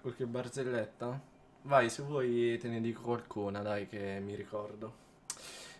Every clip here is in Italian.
Qualche barzelletta? Vai, se vuoi te ne dico qualcuna, dai, che mi ricordo.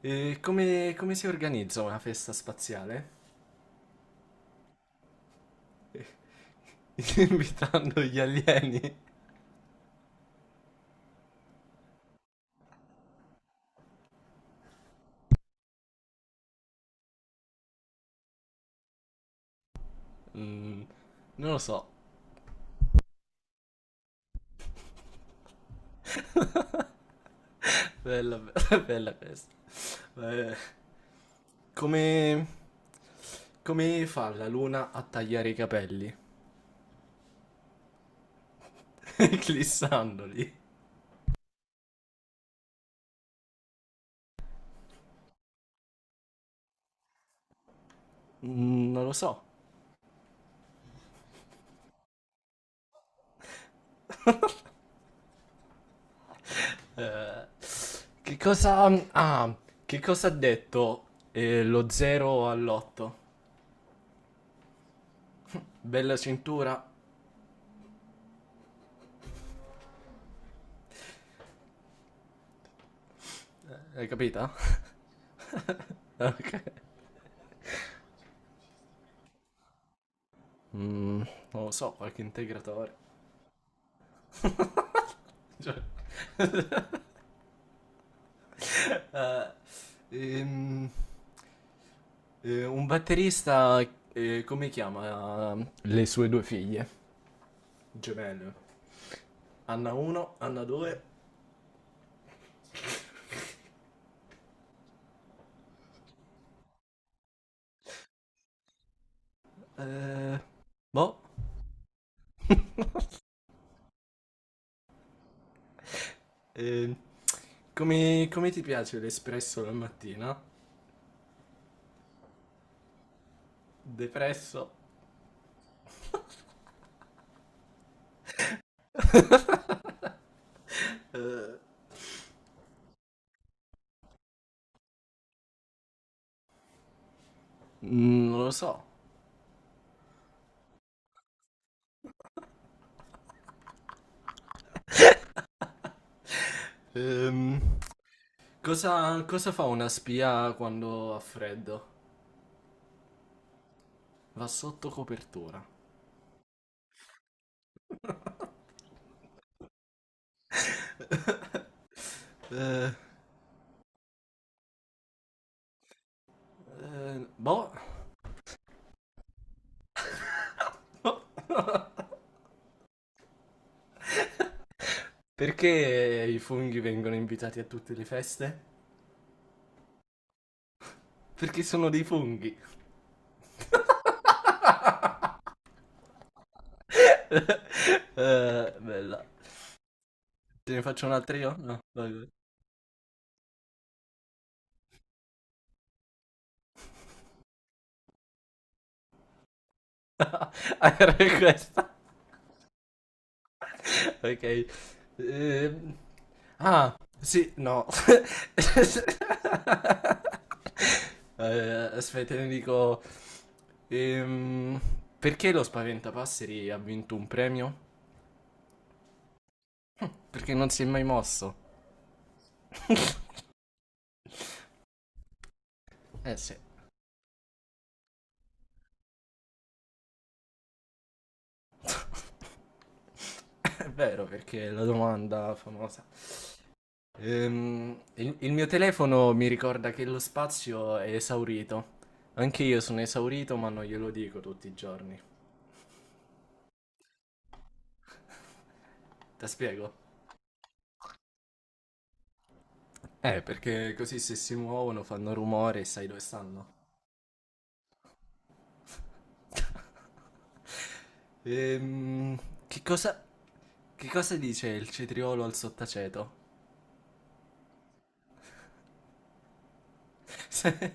E come, come si organizza una festa spaziale? Invitando gli alieni? Mm, non lo so. Bella, bella questa. Eh, Come, come fa la luna a tagliare i capelli? Clissandoli? Mm, non lo so. Eh, che cosa... Ah, che cosa ha detto lo 0 all'8? Bella cintura? Hai capito? Ok. Mm, non lo so, qualche integratore. Cioè, eh, ehm, un batterista, come chiama le sue due figlie? Gemelle. Anna 1, Anna 2. Eh, boh. Eh, come, come ti piace l'espresso la mattina? Depresso? Eh, mm, non lo so. Ehm, cosa, cosa fa una spia quando ha freddo? Va sotto copertura. Eh, eh, boh. Oh. Perché i funghi vengono invitati a tutte le feste? Perché sono dei funghi. Bella. Te ne faccio un'altra io? No, vabbè. Ah, era questa. Ok. Ehm, ah, sì, no. Aspetta, ne dico... ehm, perché lo Spaventapasseri ha vinto un premio? Perché non si è mai mosso. Eh sì. È vero, perché è la domanda famosa. Il mio telefono mi ricorda che lo spazio è esaurito. Anche io sono esaurito, ma non glielo dico tutti i giorni. Te spiego? Perché così se si muovono fanno rumore e sai dove stanno. Ehm, che cosa, che cosa dice il cetriolo al sottaceto? Se-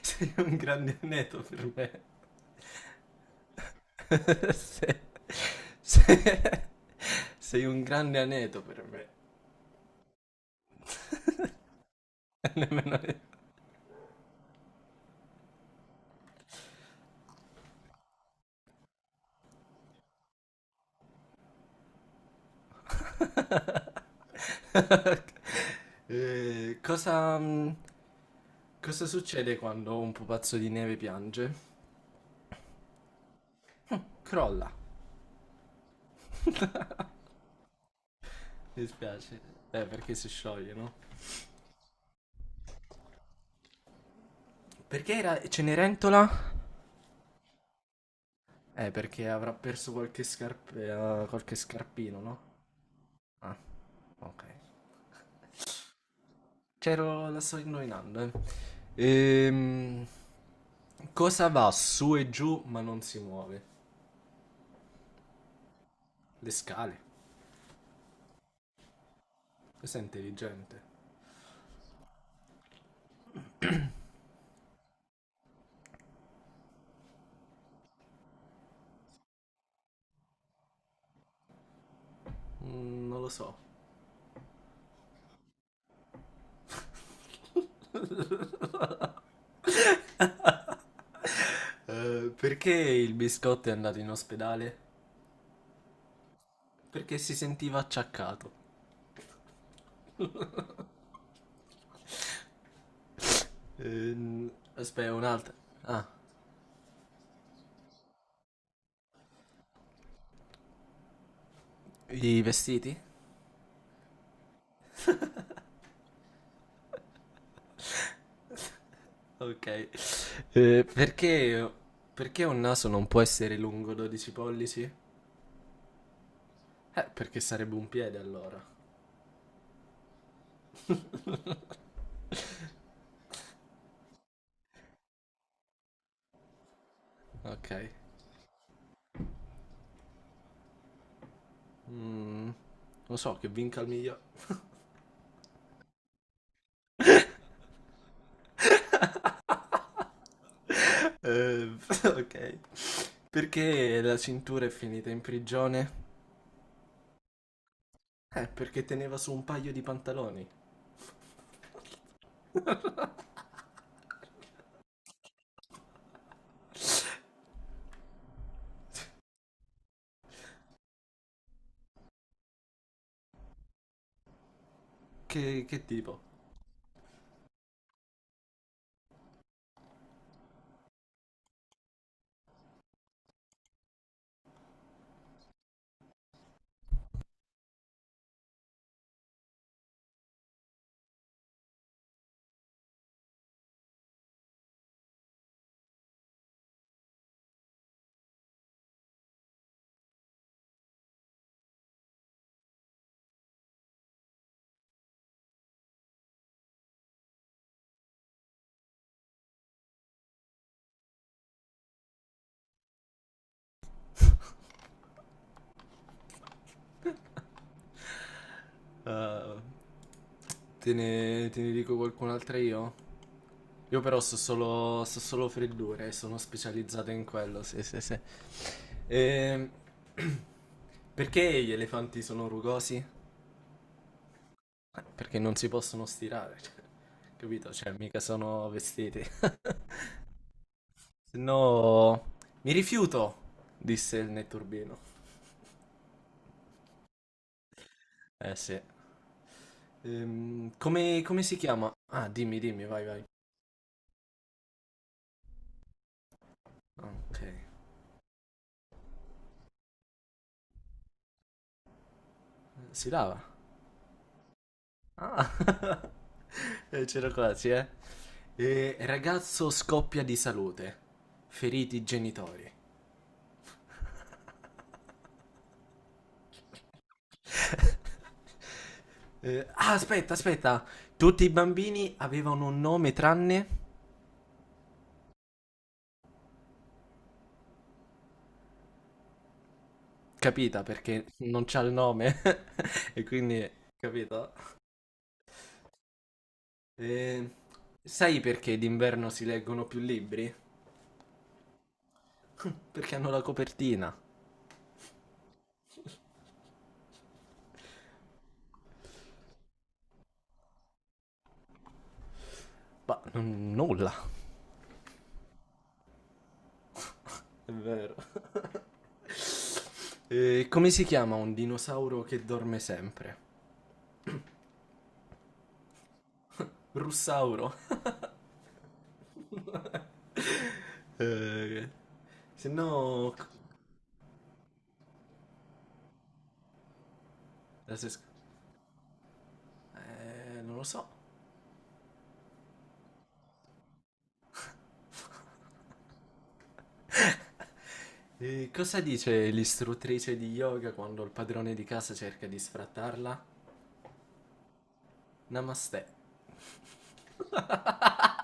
Sei un grande aneddoto per me. Se- Sei un grande aneto per me. Cosa, cosa succede quando un pupazzo di neve piange? Crolla. Mi dispiace. Perché si scioglie, no? Perché era Cenerentola? Perché avrà perso qualche scarpino, no? Ah, ok. C'ero, la sto indovinando, eh. Ehm, cosa va su e giù ma non si muove? Le scale. Questo è intelligente. Mm, non lo so. Perché il biscotto è andato in ospedale? Perché si sentiva acciaccato. Aspetta, un'altra. Ah, i vestiti? Ok. Perché, perché un naso non può essere lungo 12 pollici? Perché sarebbe un piede allora. Ok. Mm, lo so, che vinca il migliore. Eh, ok. Perché la cintura è finita in prigione? Perché teneva su un paio di pantaloni. Che tipo? Eh, te ne dico qualcun'altra io? Io però so solo freddure, sono specializzato in quello, sì, sì, sì. Ehm, perché gli elefanti sono rugosi? Perché non si possono stirare, cioè, capito? Cioè, mica sono vestiti. Se no, mi rifiuto, disse il netturbino. Eh sì. Come, come si chiama? Ah, dimmi, dimmi, vai, vai. Ah, ok. Si lava. Ah. C'era quasi, eh. Ragazzo scoppia di salute. Feriti i genitori. Ah, aspetta, aspetta. Tutti i bambini avevano un nome tranne... Capita, perché non c'ha il nome. E quindi... Capito? Eh, sai perché d'inverno si leggono più libri? Perché hanno la copertina. Nulla. È vero. Come si chiama un dinosauro che dorme sempre? Russauro. Eh, se no... la se- non lo so. Cosa dice l'istruttrice di yoga quando il padrone di casa cerca di sfrattarla? Namaste.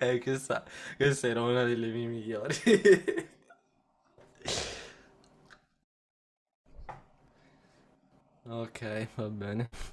Eh, questa era una delle mie migliori. Ok, va bene.